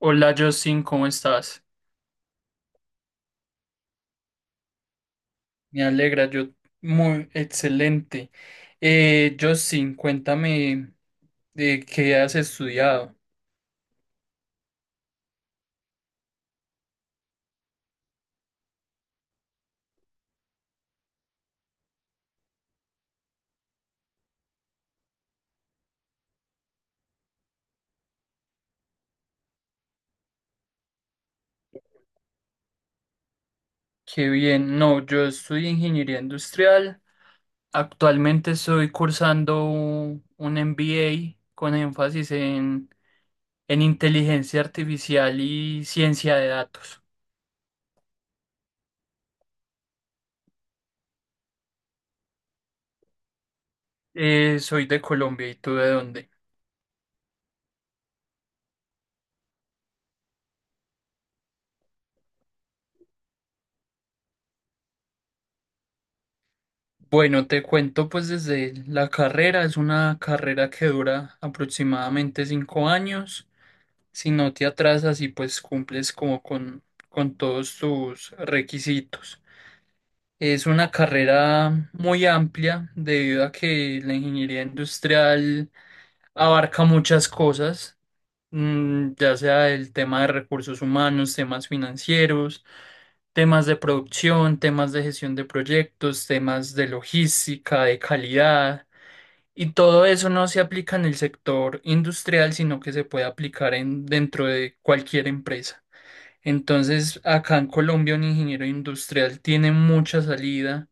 Hola Justin, ¿cómo estás? Me alegra, yo muy excelente. Justin, cuéntame de qué has estudiado. Qué bien, no, yo estudio ingeniería industrial. Actualmente estoy cursando un MBA con énfasis en inteligencia artificial y ciencia de datos. Soy de Colombia, ¿y tú de dónde? Bueno, te cuento pues desde la carrera, es una carrera que dura aproximadamente 5 años. Si no te atrasas y pues cumples como con todos tus requisitos. Es una carrera muy amplia debido a que la ingeniería industrial abarca muchas cosas, ya sea el tema de recursos humanos, temas financieros, temas de producción, temas de gestión de proyectos, temas de logística, de calidad. Y todo eso no se aplica en el sector industrial, sino que se puede aplicar dentro de cualquier empresa. Entonces, acá en Colombia, un ingeniero industrial tiene mucha salida,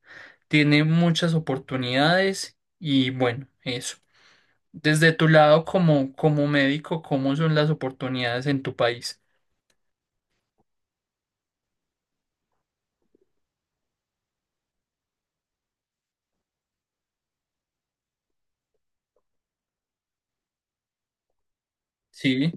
tiene muchas oportunidades y bueno, eso. Desde tu lado como médico, ¿cómo son las oportunidades en tu país? Sí.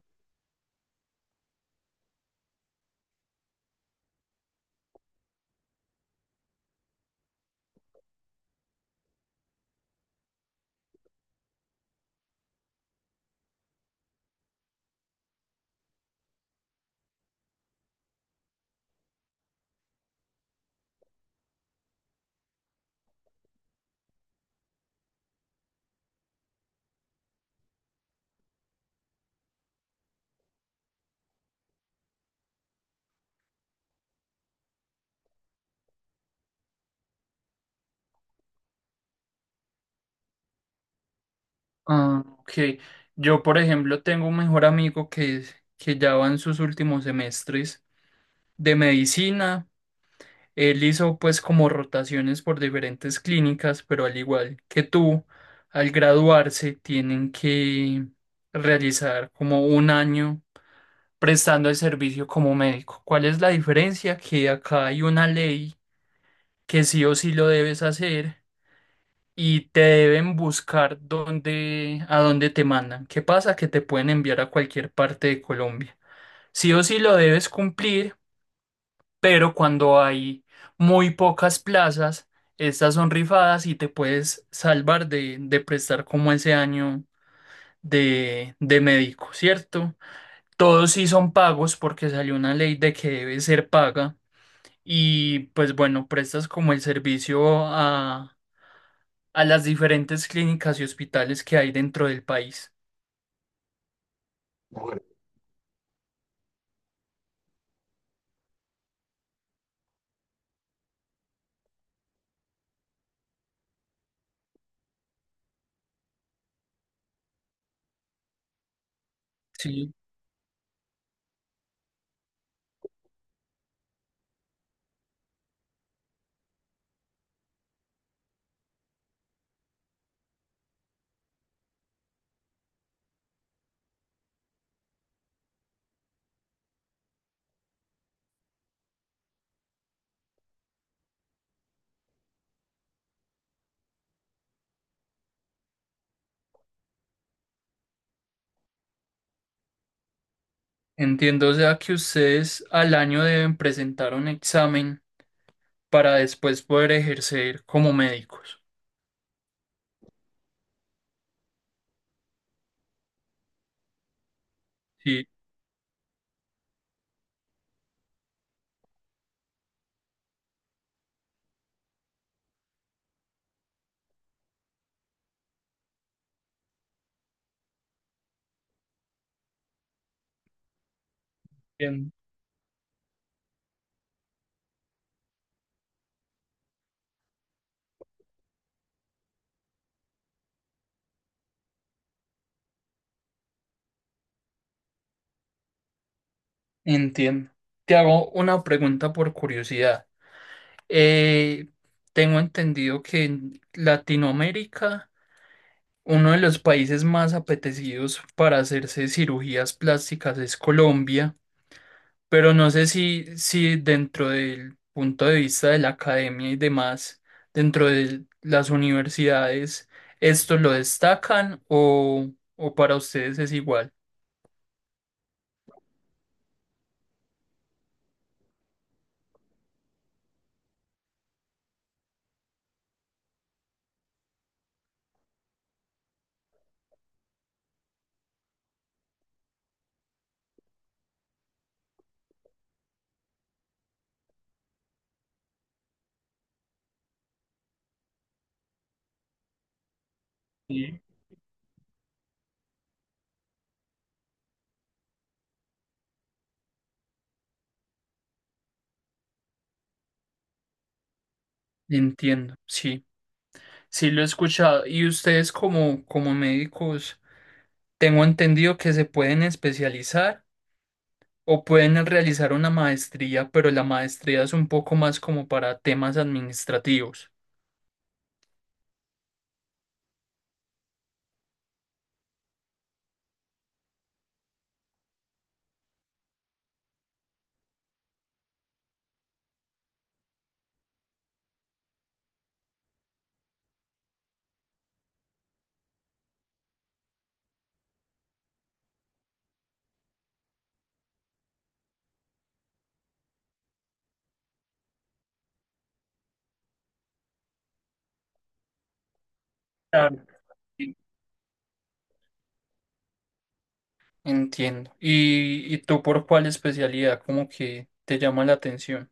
Ah, ok. Yo, por ejemplo, tengo un mejor amigo que ya va en sus últimos semestres de medicina. Él hizo pues como rotaciones por diferentes clínicas, pero al igual que tú, al graduarse tienen que realizar como un año prestando el servicio como médico. ¿Cuál es la diferencia? Que acá hay una ley que sí o sí lo debes hacer y te deben buscar a dónde te mandan. ¿Qué pasa? Que te pueden enviar a cualquier parte de Colombia. Sí o sí lo debes cumplir pero cuando hay muy pocas plazas, estas son rifadas y te puedes salvar de prestar como ese año de médico, ¿cierto? Todos sí son pagos porque salió una ley de que debe ser paga y pues bueno, prestas como el servicio a las diferentes clínicas y hospitales que hay dentro del país. Sí. Entiendo, o sea, que ustedes al año deben presentar un examen para después poder ejercer como médicos. Sí, bien, entiendo. Te hago una pregunta por curiosidad. Eh, Tengo entendido que en Latinoamérica, uno de los países más apetecidos para hacerse cirugías plásticas es Colombia, pero no sé si dentro del punto de vista de la academia y demás, dentro de las universidades, ¿esto lo destacan o para ustedes es igual? Sí. Entiendo, sí, sí lo he escuchado. Y ustedes como médicos, tengo entendido que se pueden especializar o pueden realizar una maestría, pero la maestría es un poco más como para temas administrativos. Claro. Entiendo. ¿Y tú por cuál especialidad como que te llama la atención?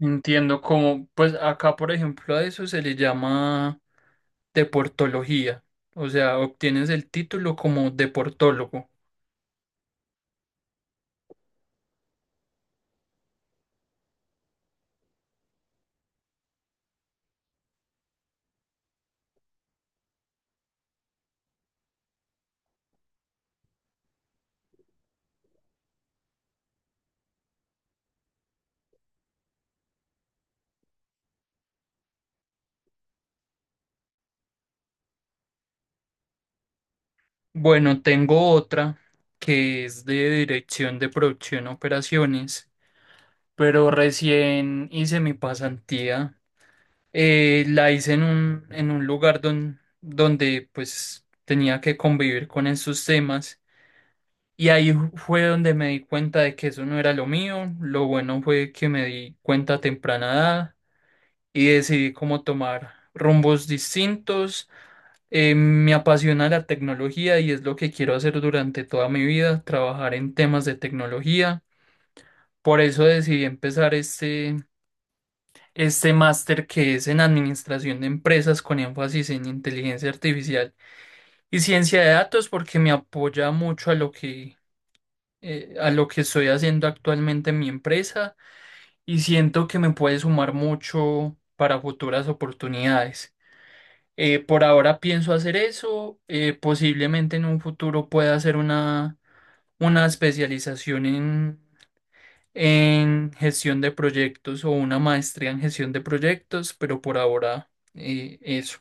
Entiendo como, pues acá por ejemplo a eso se le llama deportología, o sea, obtienes el título como deportólogo. Bueno, tengo otra que es de dirección de producción y operaciones, pero recién hice mi pasantía. La hice en un lugar donde pues tenía que convivir con esos temas y ahí fue donde me di cuenta de que eso no era lo mío. Lo bueno fue que me di cuenta a temprana edad y decidí cómo tomar rumbos distintos. Me apasiona la tecnología y es lo que quiero hacer durante toda mi vida, trabajar en temas de tecnología. Por eso decidí empezar este máster que es en Administración de Empresas con énfasis en inteligencia artificial y ciencia de datos porque me apoya mucho a lo que, estoy haciendo actualmente en mi empresa y siento que me puede sumar mucho para futuras oportunidades. Por ahora pienso hacer eso, posiblemente en un futuro pueda hacer una especialización en gestión de proyectos o una maestría en gestión de proyectos, pero por ahora eso.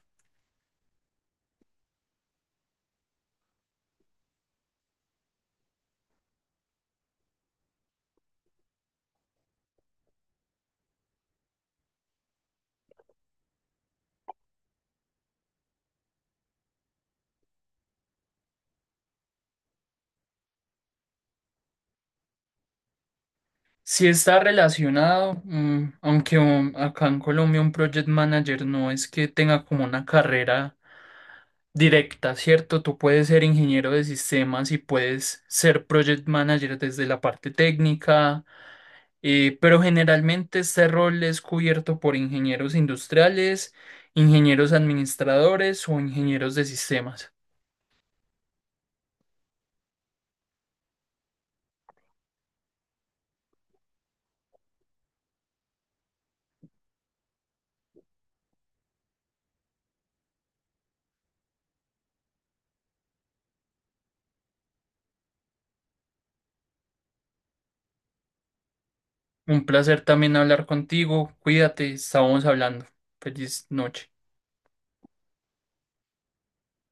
Si está relacionado, aunque acá en Colombia un project manager no es que tenga como una carrera directa, ¿cierto? Tú puedes ser ingeniero de sistemas y puedes ser project manager desde la parte técnica, pero generalmente este rol es cubierto por ingenieros industriales, ingenieros administradores o ingenieros de sistemas. Un placer también hablar contigo. Cuídate, estábamos hablando. Feliz noche.